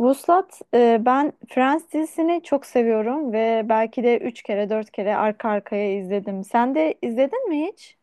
Vuslat, ben Friends dizisini çok seviyorum ve belki de 3 kere 4 kere arka arkaya izledim. Sen de izledin mi hiç?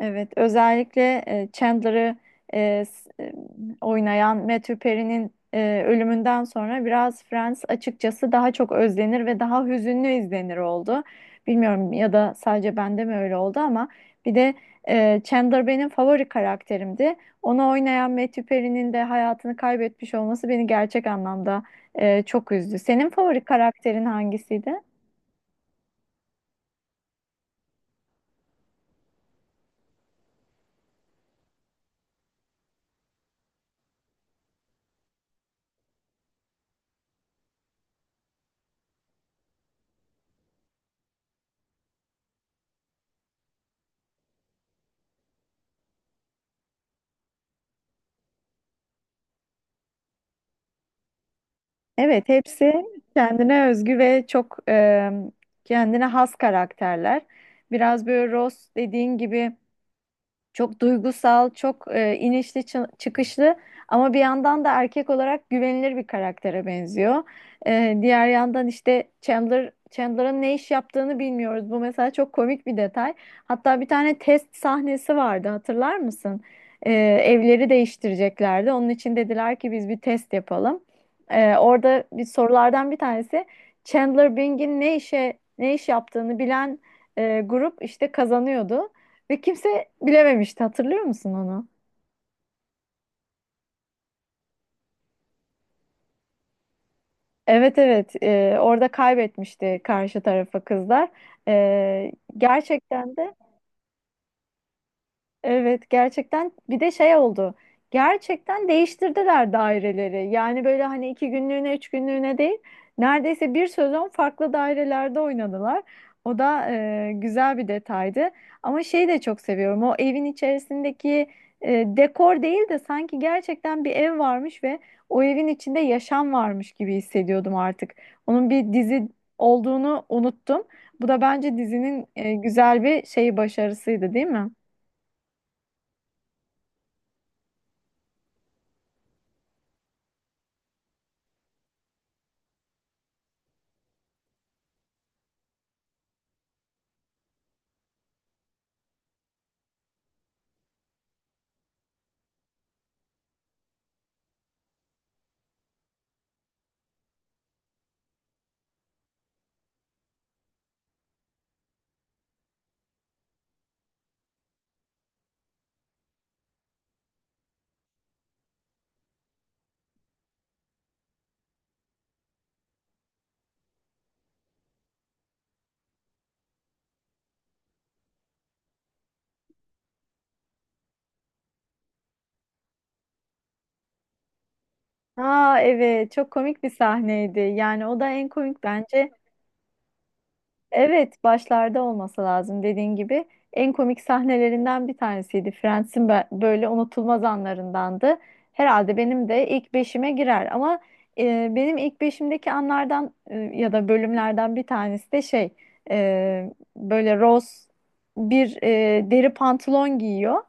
Evet, özellikle Chandler'ı e, s- e, oynayan Matthew Perry'nin ölümünden sonra biraz Friends açıkçası daha çok özlenir ve daha hüzünlü izlenir oldu. Bilmiyorum ya da sadece bende mi öyle oldu ama bir de Chandler benim favori karakterimdi. Onu oynayan Matthew Perry'nin de hayatını kaybetmiş olması beni gerçek anlamda çok üzdü. Senin favori karakterin hangisiydi? Evet, hepsi kendine özgü ve çok kendine has karakterler. Biraz böyle Ross dediğin gibi çok duygusal, çok inişli çıkışlı ama bir yandan da erkek olarak güvenilir bir karaktere benziyor. Diğer yandan işte Chandler'ın ne iş yaptığını bilmiyoruz. Bu mesela çok komik bir detay. Hatta bir tane test sahnesi vardı, hatırlar mısın? E, Evleri değiştireceklerdi. Onun için dediler ki biz bir test yapalım. Orada bir sorulardan bir tanesi Chandler Bing'in ne iş yaptığını bilen grup işte kazanıyordu. Ve kimse bilememişti, hatırlıyor musun onu? Evet, evet. Orada kaybetmişti karşı tarafa kızlar. Ee, Gerçekten de evet, gerçekten bir de şey oldu. Gerçekten değiştirdiler daireleri. Yani böyle hani iki günlüğüne, üç günlüğüne değil. Neredeyse bir sezon farklı dairelerde oynadılar. O da güzel bir detaydı. Ama şeyi de çok seviyorum. O evin içerisindeki dekor değil de sanki gerçekten bir ev varmış ve o evin içinde yaşam varmış gibi hissediyordum artık. Onun bir dizi olduğunu unuttum. Bu da bence dizinin güzel bir şeyi başarısıydı, değil mi? Aa evet, çok komik bir sahneydi. Yani o da en komik bence. Evet, başlarda olması lazım dediğin gibi. En komik sahnelerinden bir tanesiydi. Friends'in böyle unutulmaz anlarındandı. Herhalde benim de ilk beşime girer ama benim ilk beşimdeki anlardan ya da bölümlerden bir tanesi de e, böyle Rose bir deri pantolon giyiyor,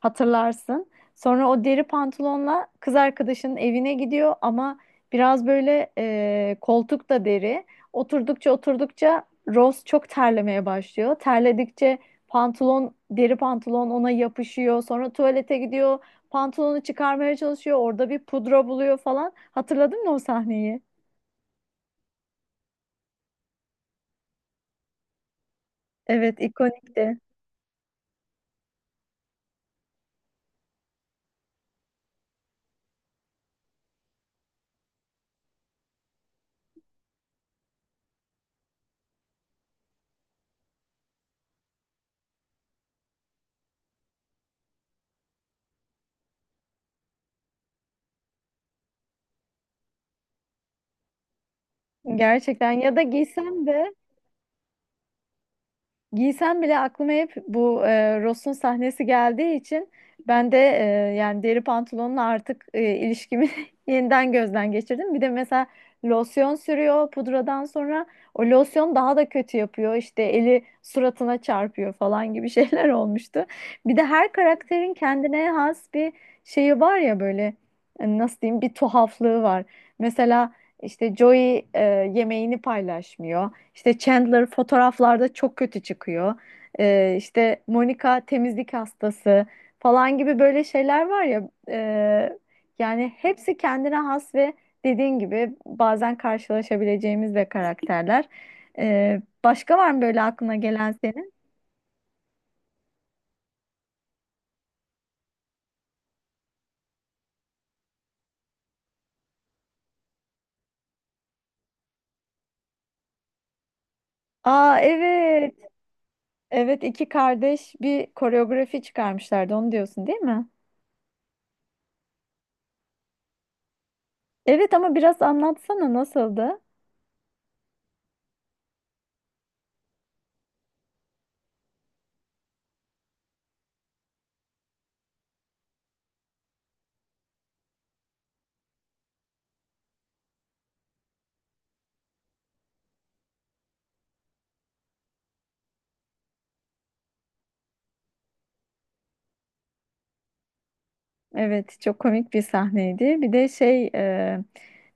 hatırlarsın. Sonra o deri pantolonla kız arkadaşının evine gidiyor ama biraz böyle koltuk da deri. Oturdukça Rose çok terlemeye başlıyor. Terledikçe deri pantolon ona yapışıyor. Sonra tuvalete gidiyor. Pantolonu çıkarmaya çalışıyor. Orada bir pudra buluyor falan. Hatırladın mı o sahneyi? Evet, ikonikti. Gerçekten, ya da giysem de giysem bile aklıma hep bu Ross'un sahnesi geldiği için ben de yani deri pantolonla artık ilişkimi yeniden gözden geçirdim. Bir de mesela losyon sürüyor pudradan sonra, o losyon daha da kötü yapıyor. İşte eli suratına çarpıyor falan gibi şeyler olmuştu. Bir de her karakterin kendine has bir şeyi var ya böyle, nasıl diyeyim, bir tuhaflığı var. Mesela işte Joey yemeğini paylaşmıyor. İşte Chandler fotoğraflarda çok kötü çıkıyor. İşte Monica temizlik hastası falan gibi böyle şeyler var ya. Yani hepsi kendine has ve dediğin gibi bazen karşılaşabileceğimiz de karakterler. Başka var mı böyle aklına gelen senin? Aa evet. Evet, iki kardeş bir koreografi çıkarmışlardı, onu diyorsun değil mi? Evet, ama biraz anlatsana nasıldı? Evet, çok komik bir sahneydi. Bir de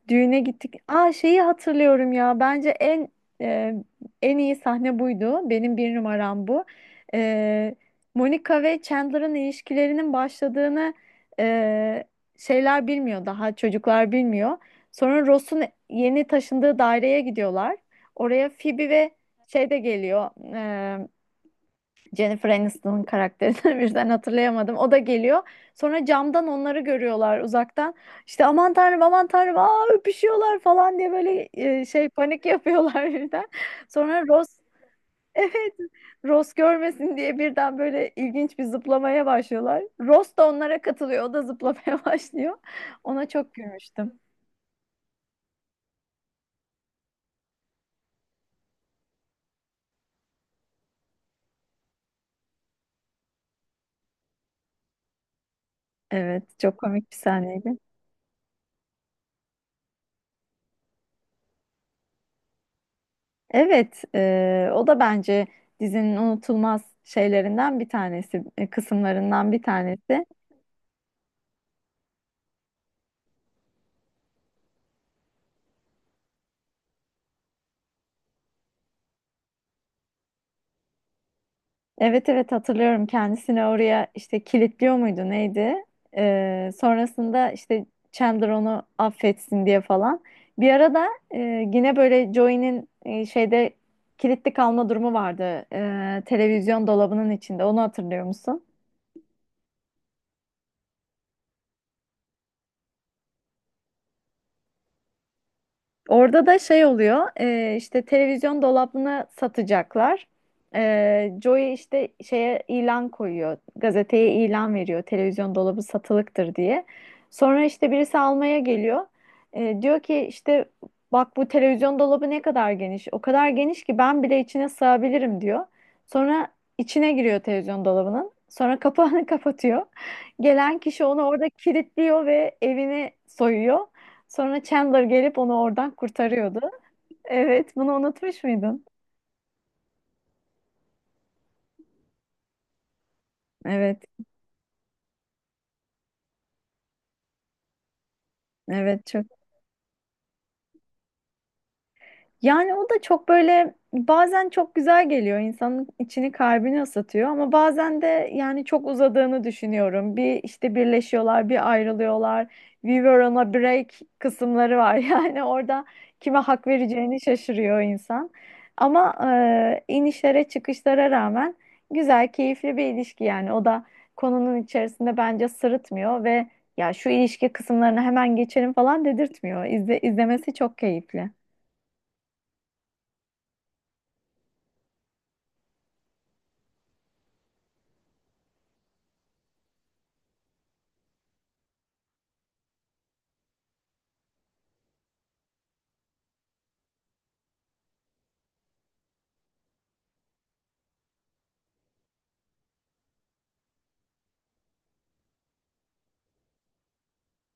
düğüne gittik. Aa şeyi hatırlıyorum ya. Bence en e, en iyi sahne buydu. Benim bir numaram bu. E, Monica ve Chandler'ın ilişkilerinin başladığını e, şeyler bilmiyor daha çocuklar bilmiyor. Sonra Ross'un yeni taşındığı daireye gidiyorlar. Oraya Phoebe ve şey de geliyor. Jennifer Aniston'un karakterini birden hatırlayamadım. O da geliyor. Sonra camdan onları görüyorlar uzaktan. İşte aman tanrım, aman tanrım, aa öpüşüyorlar falan diye böyle panik yapıyorlar birden. Sonra Ross evet, Ross görmesin diye birden böyle ilginç bir zıplamaya başlıyorlar. Ross da onlara katılıyor. O da zıplamaya başlıyor. Ona çok gülmüştüm. Evet, çok komik bir sahneydi. Evet, o da bence dizinin unutulmaz şeylerinden bir tanesi, kısımlarından bir tanesi. Evet evet, hatırlıyorum, kendisini oraya işte kilitliyor muydu neydi? Sonrasında işte Chandler onu affetsin diye falan. Bir arada yine böyle Joey'nin şeyde kilitli kalma durumu vardı. Televizyon dolabının içinde, onu hatırlıyor musun? Orada da şey oluyor, işte televizyon dolabını satacaklar. Joey işte şeye ilan koyuyor, gazeteye ilan veriyor, televizyon dolabı satılıktır diye. Sonra işte birisi almaya geliyor. Diyor ki işte bak, bu televizyon dolabı ne kadar geniş, o kadar geniş ki ben bile içine sığabilirim diyor. Sonra içine giriyor televizyon dolabının. Sonra kapağını kapatıyor. Gelen kişi onu orada kilitliyor ve evini soyuyor. Sonra Chandler gelip onu oradan kurtarıyordu. Evet, bunu unutmuş muydun? Evet, evet, çok. Yani o da çok böyle, bazen çok güzel geliyor, insanın içini kalbini ısıtıyor ama bazen de yani çok uzadığını düşünüyorum. Bir işte birleşiyorlar, bir ayrılıyorlar. We were on a break kısımları var, yani orada kime hak vereceğini şaşırıyor insan. Ama inişlere çıkışlara rağmen güzel, keyifli bir ilişki. Yani o da konunun içerisinde bence sırıtmıyor ve ya şu ilişki kısımlarını hemen geçelim falan dedirtmiyor. İzlemesi çok keyifli.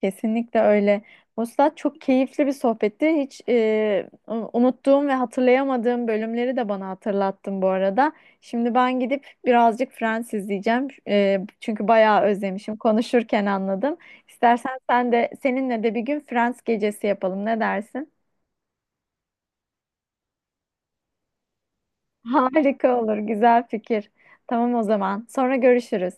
Kesinlikle öyle. Vuslat, çok keyifli bir sohbetti. Hiç unuttuğum ve hatırlayamadığım bölümleri de bana hatırlattın bu arada. Şimdi ben gidip birazcık Friends izleyeceğim. Çünkü bayağı özlemişim, konuşurken anladım. İstersen sen de, seninle de bir gün Friends gecesi yapalım, ne dersin? Harika olur, güzel fikir. Tamam o zaman, sonra görüşürüz.